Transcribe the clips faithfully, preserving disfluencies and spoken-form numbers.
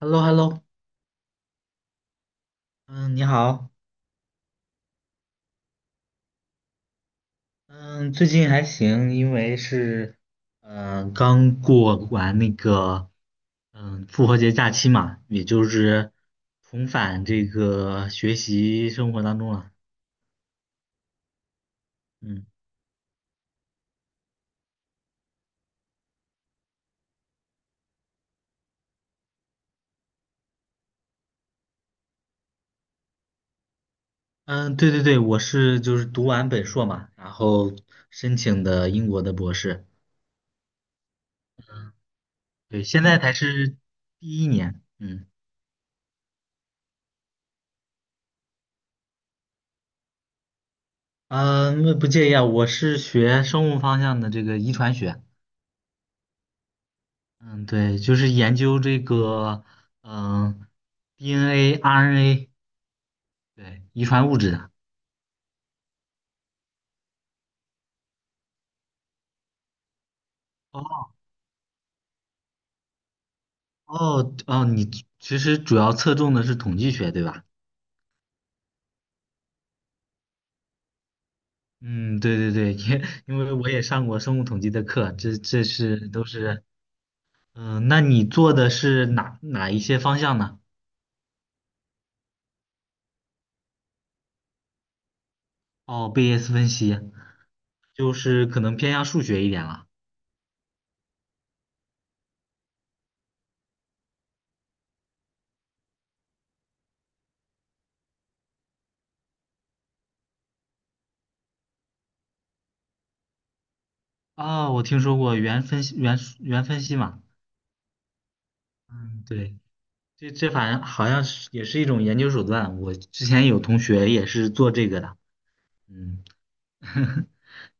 h e l l o h e l l o 嗯，你好。嗯，最近还行，因为是，嗯、刚过完那个，嗯，复活节假期嘛，也就是重返这个学习生活当中了。嗯嗯，对对对，我是就是读完本硕嘛，然后申请的英国的博士，对，现在才是第一年。嗯嗯，呃不介意啊，我是学生物方向的这个遗传学。嗯，对，就是研究这个，嗯、D N A、R N A，对，遗传物质的。哦哦哦，你其实主要侧重的是统计学，对吧？嗯，对对对，因因为我也上过生物统计的课，这这是都是，嗯、那你做的是哪哪一些方向呢？哦，贝叶斯分析，就是可能偏向数学一点了。啊、我听说过原分析原原分析嘛。嗯，对。这这反正好像是也是一种研究手段，我之前有同学也是做这个的。嗯，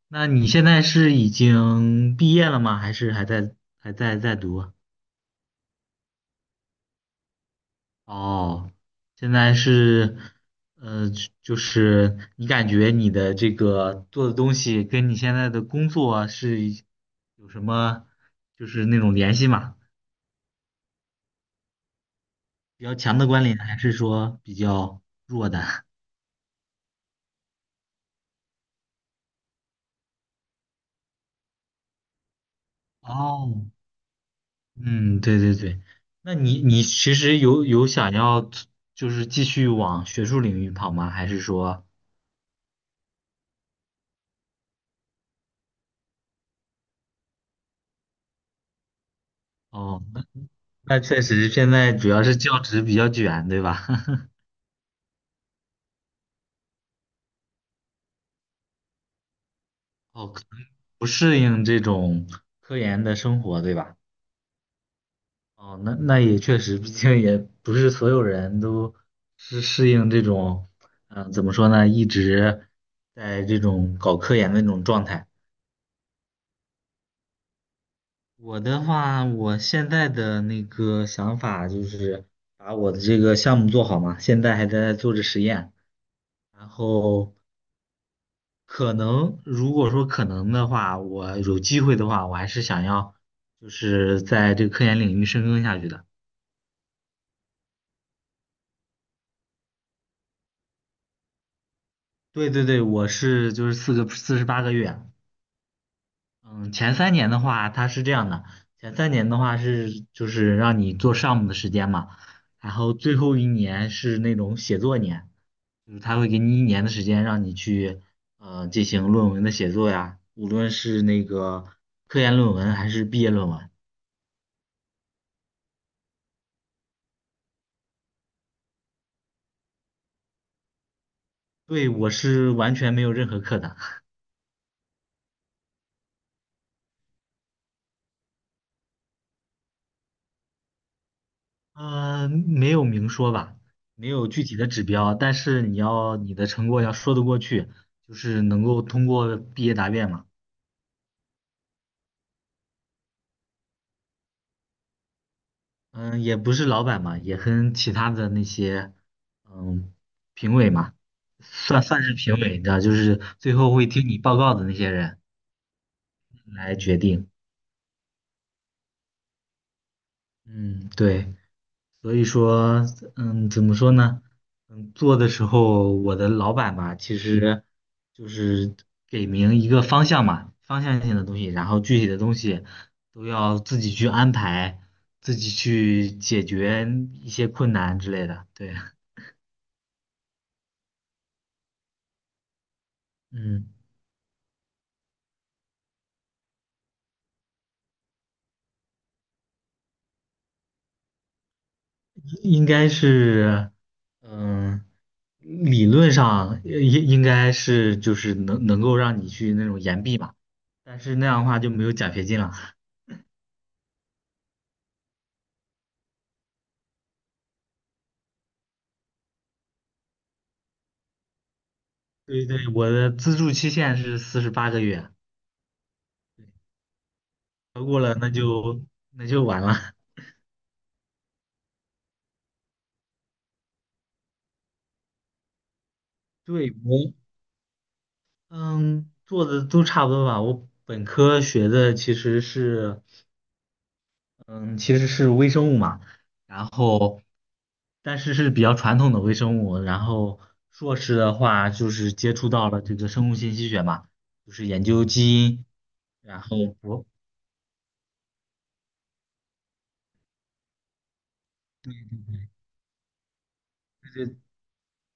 那你现在是已经毕业了吗？还是还在还在在读啊？哦，现在是，呃，就就是你感觉你的这个做的东西跟你现在的工作是有什么就是那种联系吗？比较强的关联，还是说比较弱的？哦，嗯，对对对，那你你其实有有想要就是继续往学术领域跑吗？还是说，哦，那那确实现在主要是教职比较卷，对吧？哦，可能不适应这种科研的生活，对吧？哦，那那也确实，毕竟也不是所有人都是适应这种，嗯、怎么说呢，一直在这种搞科研的那种状态。我的话，我现在的那个想法就是把我的这个项目做好嘛，现在还在做着实验，然后可能如果说可能的话，我有机会的话，我还是想要就是在这个科研领域深耕下去的。对对对，我是就是四个四十八个月，嗯，前三年的话，它是这样的，前三年的话是就是让你做项目的时间嘛，然后最后一年是那种写作年。就是他会给你一年的时间，让你去呃进行论文的写作呀，无论是那个科研论文还是毕业论文。对，我是完全没有任何课的，呃，没有明说吧，没有具体的指标，但是你要你的成果要说得过去，就是能够通过毕业答辩嘛。嗯，也不是老板嘛，也跟其他的那些嗯评委嘛，算算是评委，你知道，就是最后会听你报告的那些人来决定。嗯，对，所以说，嗯，怎么说呢？嗯，做的时候，我的老板吧，其实就是给明一个方向嘛，方向性的东西，然后具体的东西都要自己去安排，自己去解决一些困难之类的。对，嗯，应该是，嗯，理论上应应该是就是能能够让你去那种延毕嘛，但是那样的话就没有奖学金了。对对，我的资助期限是四十八个月，超过了那就那就完了。对，我嗯做的都差不多吧。我本科学的其实是嗯其实是微生物嘛，然后但是是比较传统的微生物，然后硕士的话就是接触到了这个生物信息学嘛，就是研究基因，然后博。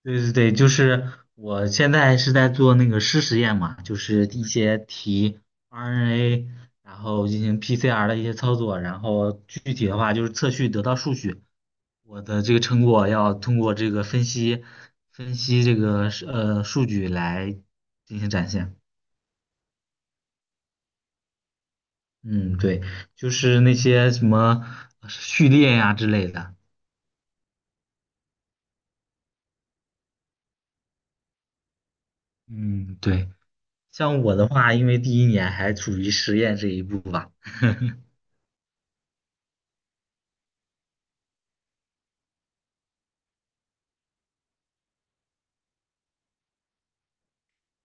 对对对，就是我现在是在做那个湿实验嘛，就是一些题 R N A，然后进行 P C R 的一些操作，然后具体的话就是测序得到数据，我的这个成果要通过这个分析分析这个是呃数据来进行展现。嗯，对，就是那些什么序列呀之类的。嗯，对，像我的话，因为第一年还处于实验这一步吧。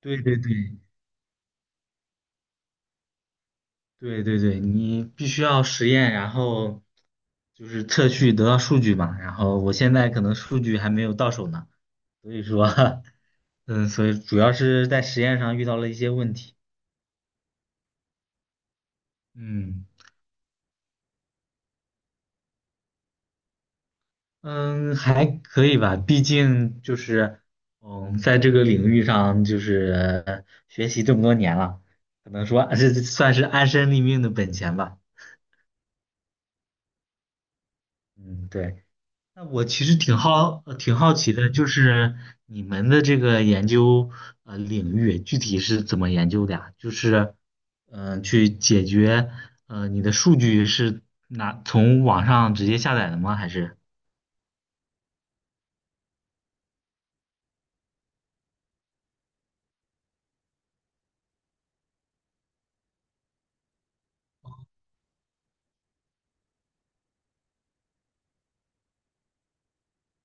对对对，对对对，你必须要实验，然后就是测序得到数据嘛。然后我现在可能数据还没有到手呢，所以说，嗯，所以主要是在实验上遇到了一些问题。嗯嗯，还可以吧，毕竟就是嗯，在这个领域上就是呃学习这么多年了，可能说这算是安身立命的本钱吧。嗯，对。那我其实挺好，呃挺好奇的，就是你们的这个研究呃领域具体是怎么研究的呀？就是，嗯、去解决呃你的数据是拿从网上直接下载的吗？还是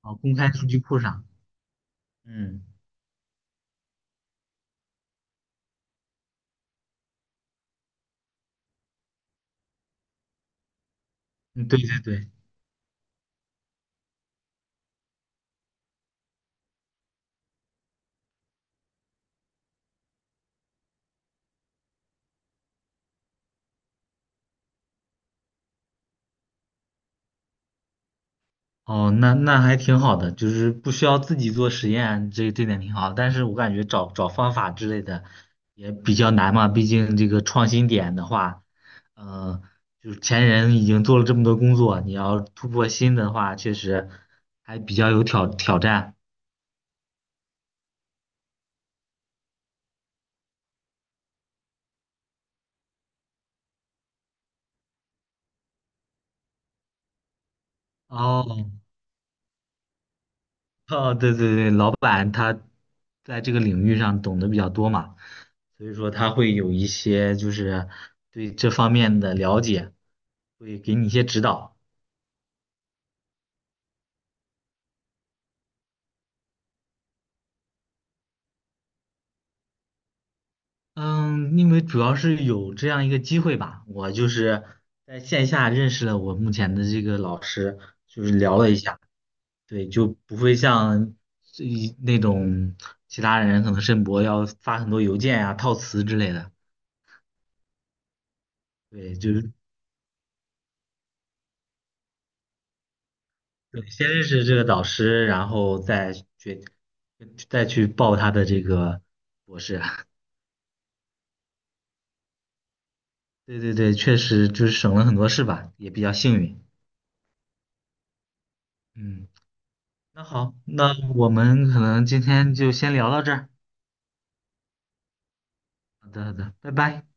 啊、公开数据库上？嗯，嗯，对对对。哦，那那还挺好的，就是不需要自己做实验，这这点挺好。但是我感觉找找方法之类的也比较难嘛，毕竟这个创新点的话，呃，就是前人已经做了这么多工作，你要突破新的话，确实还比较有挑挑战。哦哦，对对对，老板他在这个领域上懂得比较多嘛，所以说他会有一些就是对这方面的了解，会给你一些指导。嗯，因为主要是有这样一个机会吧，我就是在线下认识了我目前的这个老师，就是聊了一下，对，就不会像这一那种其他人可能申博要发很多邮件呀、套词之类的，对，就是对先认识这个导师，然后再决再去报他的这个博士啊，对对对，确实就是省了很多事吧，也比较幸运，嗯。那好，那我们可能今天就先聊到这儿。好的，好的，拜拜。